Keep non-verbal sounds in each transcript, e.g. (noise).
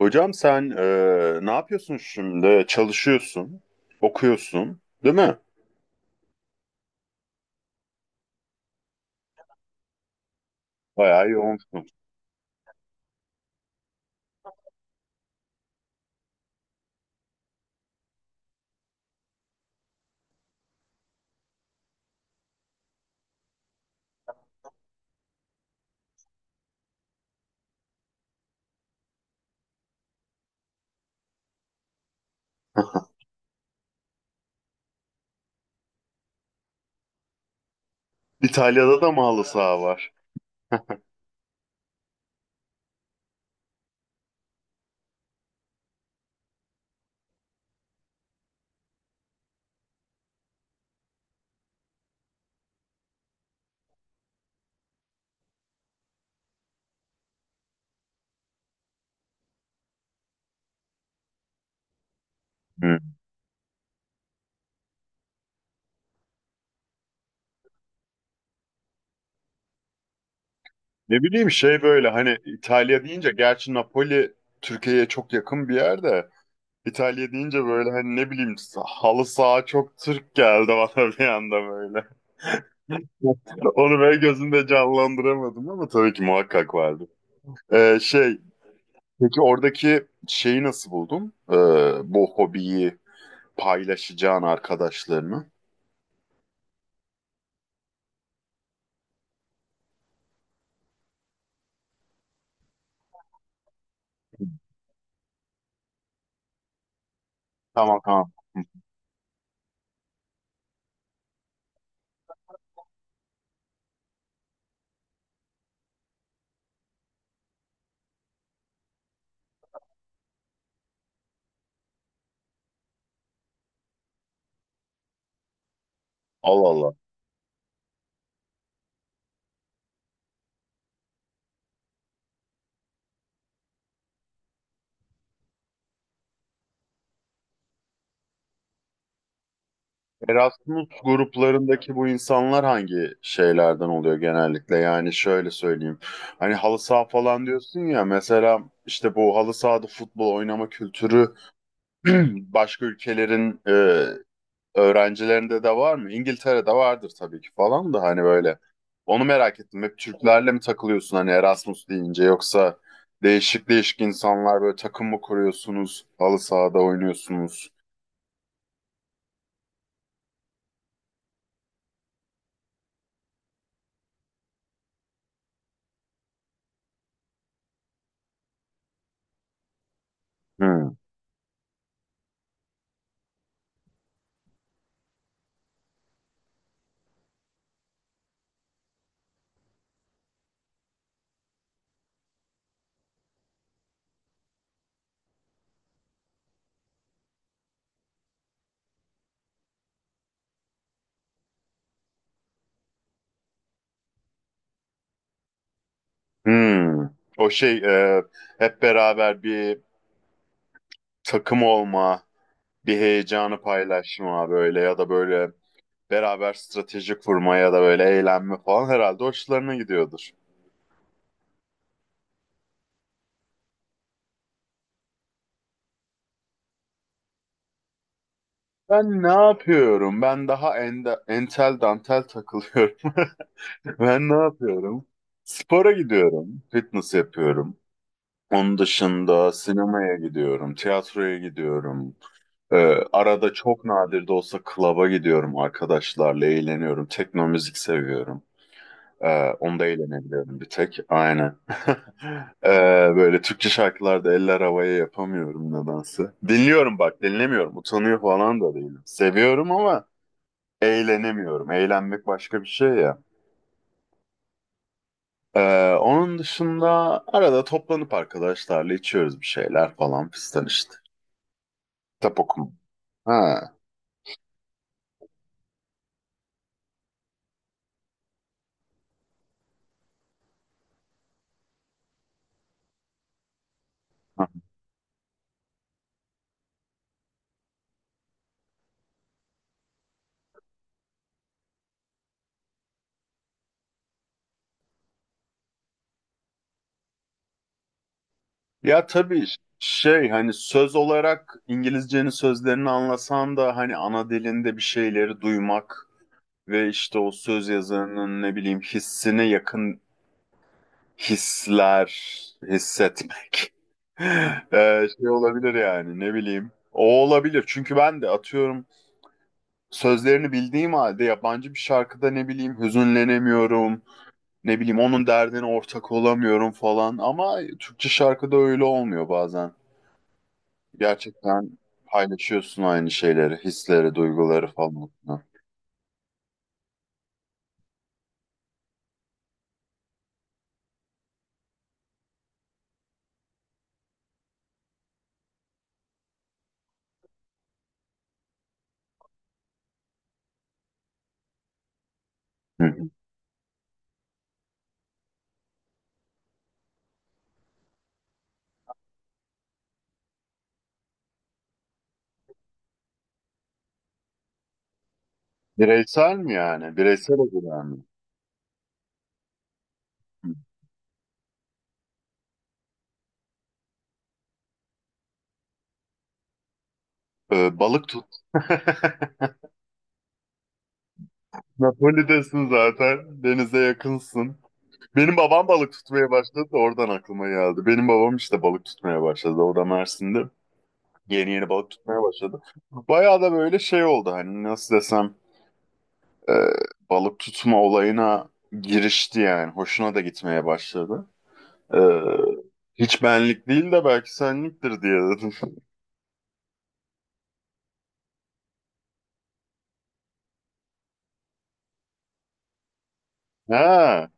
Hocam sen ne yapıyorsun şimdi? Çalışıyorsun, okuyorsun, değil mi? Bayağı yoğunsun. (laughs) İtalya'da da mı halı saha var? Hı. Ne bileyim şey böyle hani İtalya deyince gerçi Napoli Türkiye'ye çok yakın bir yer de İtalya deyince böyle hani ne bileyim halı saha çok Türk geldi bana (laughs) bir anda böyle. (laughs) Onu böyle gözümde canlandıramadım ama tabii ki muhakkak vardı. Ee, şey, peki oradaki şeyi nasıl buldun? Bu hobiyi, paylaşacağın arkadaşlarını. Tamam tamam. Allah Allah. Erasmus gruplarındaki bu insanlar hangi şeylerden oluyor genellikle? Yani şöyle söyleyeyim. Hani halı saha falan diyorsun ya mesela işte bu halı sahada futbol oynama kültürü (clears throat) başka ülkelerin öğrencilerinde de var mı? İngiltere'de vardır tabii ki falan da hani böyle. Onu merak ettim. Hep Türklerle mi takılıyorsun hani Erasmus deyince yoksa değişik değişik insanlar böyle takım mı kuruyorsunuz? Halı sahada oynuyorsunuz. Hmm. Hmm. O şey e, hep beraber bir takım olma, bir heyecanı paylaşma böyle ya da böyle beraber strateji kurma ya da böyle eğlenme falan herhalde hoşlarına gidiyordur. Ben ne yapıyorum? Ben daha entel dantel takılıyorum. (laughs) Ben ne yapıyorum? Spora gidiyorum. Fitness yapıyorum. Onun dışında sinemaya gidiyorum. Tiyatroya gidiyorum. Ee, arada çok nadir de olsa klaba gidiyorum arkadaşlarla. Eğleniyorum. Tekno müzik seviyorum. Onda eğlenebiliyorum bir tek. Aynen. (laughs) Ee, böyle Türkçe şarkılarda eller havaya yapamıyorum nedense. Dinliyorum bak dinlemiyorum. Utanıyor falan da değilim. Seviyorum ama eğlenemiyorum. Eğlenmek başka bir şey ya. Onun dışında arada toplanıp arkadaşlarla içiyoruz bir şeyler falan fistan işte. Kitap okuma. Ha. Ya tabii şey hani söz olarak İngilizcenin sözlerini anlasan da hani ana dilinde bir şeyleri duymak ve işte o söz yazarının ne bileyim hissine yakın hisler hissetmek. (laughs) Şey olabilir yani ne bileyim. O olabilir çünkü ben de atıyorum sözlerini bildiğim halde yabancı bir şarkıda ne bileyim hüzünlenemiyorum, ne bileyim onun derdine ortak olamıyorum falan ama Türkçe şarkıda öyle olmuyor bazen. Gerçekten paylaşıyorsun aynı şeyleri, hisleri, duyguları falan. Hı hı. Bireysel mi yani? Bireysel olarak mı? Hı. Balık tut. (laughs) Napoli'desin zaten. Denize yakınsın. Benim babam balık tutmaya başladı. Da Oradan aklıma geldi. Benim babam işte balık tutmaya başladı. Orada Mersin'de. Yeni yeni balık tutmaya başladı. Bayağı da böyle şey oldu hani nasıl desem e, balık tutma olayına girişti yani. Hoşuna da gitmeye başladı. E, hiç benlik değil de belki senliktir diye dedim. (laughs) Ha,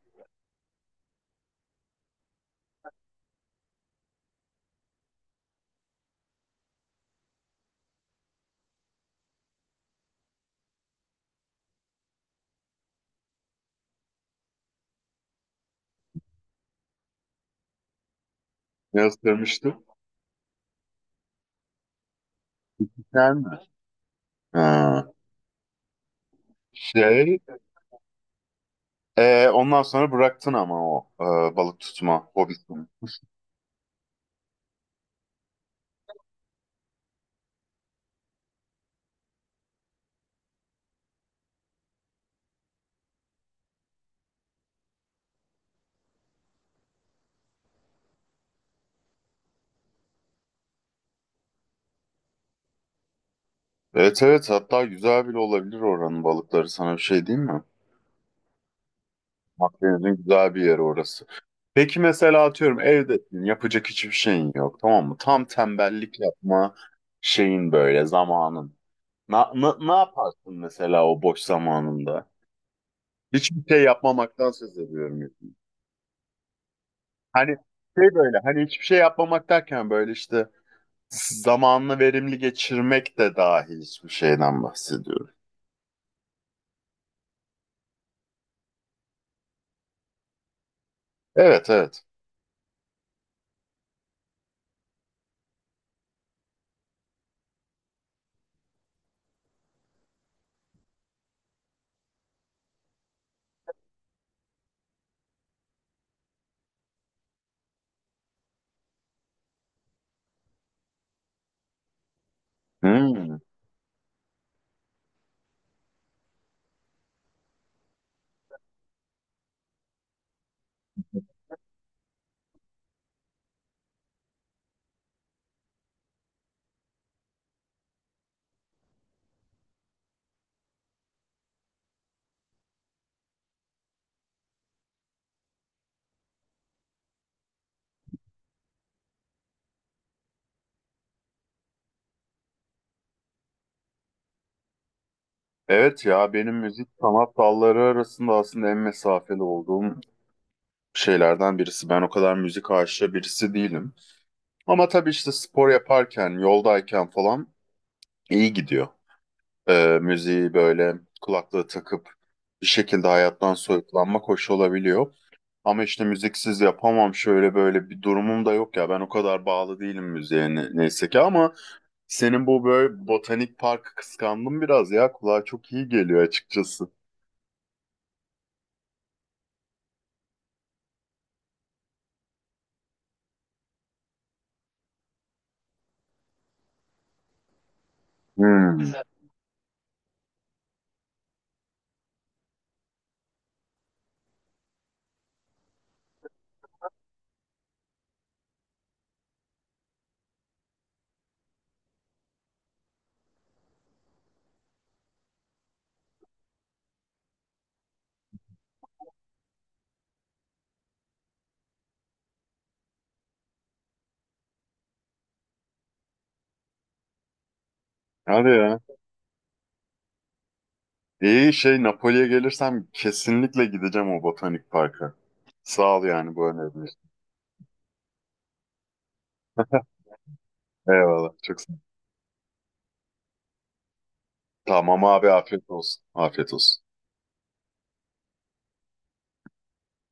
ne istemiştim? Sen mi? Ha. Şey, ondan sonra bıraktın ama o balık tutma hobisini. Evet, evet, hatta güzel bile olabilir oranın balıkları sana bir şey diyeyim mi? Akdeniz'in güzel bir yeri orası. Peki mesela atıyorum evdesin yapacak hiçbir şeyin yok tamam mı? Tam tembellik yapma şeyin böyle zamanın. Ne yaparsın mesela o boş zamanında? Hiçbir şey yapmamaktan söz ediyorum. Yani. Hani şey böyle hani hiçbir şey yapmamak derken böyle işte zamanını verimli geçirmek de dahil hiçbir şeyden bahsediyorum. Evet, evet. Hmm. Evet ya benim müzik sanat dalları arasında aslında en mesafeli olduğum şeylerden birisi. Ben o kadar müzik aşığı birisi değilim. Ama tabii işte spor yaparken, yoldayken falan iyi gidiyor. Müziği böyle kulaklığı takıp bir şekilde hayattan soyutlanmak hoş olabiliyor. Ama işte müziksiz yapamam şöyle böyle bir durumum da yok ya. Ben o kadar bağlı değilim müziğe neyse ki ama senin bu böyle botanik parkı kıskandım biraz ya. Kulağa çok iyi geliyor açıkçası. Hmm. Hadi ya. İyi şey, Napoli'ye gelirsem kesinlikle gideceğim o botanik parka. Sağ ol yani bu önerin için. Eyvallah. Çok sağ ol. Tamam abi, afiyet olsun. Afiyet olsun.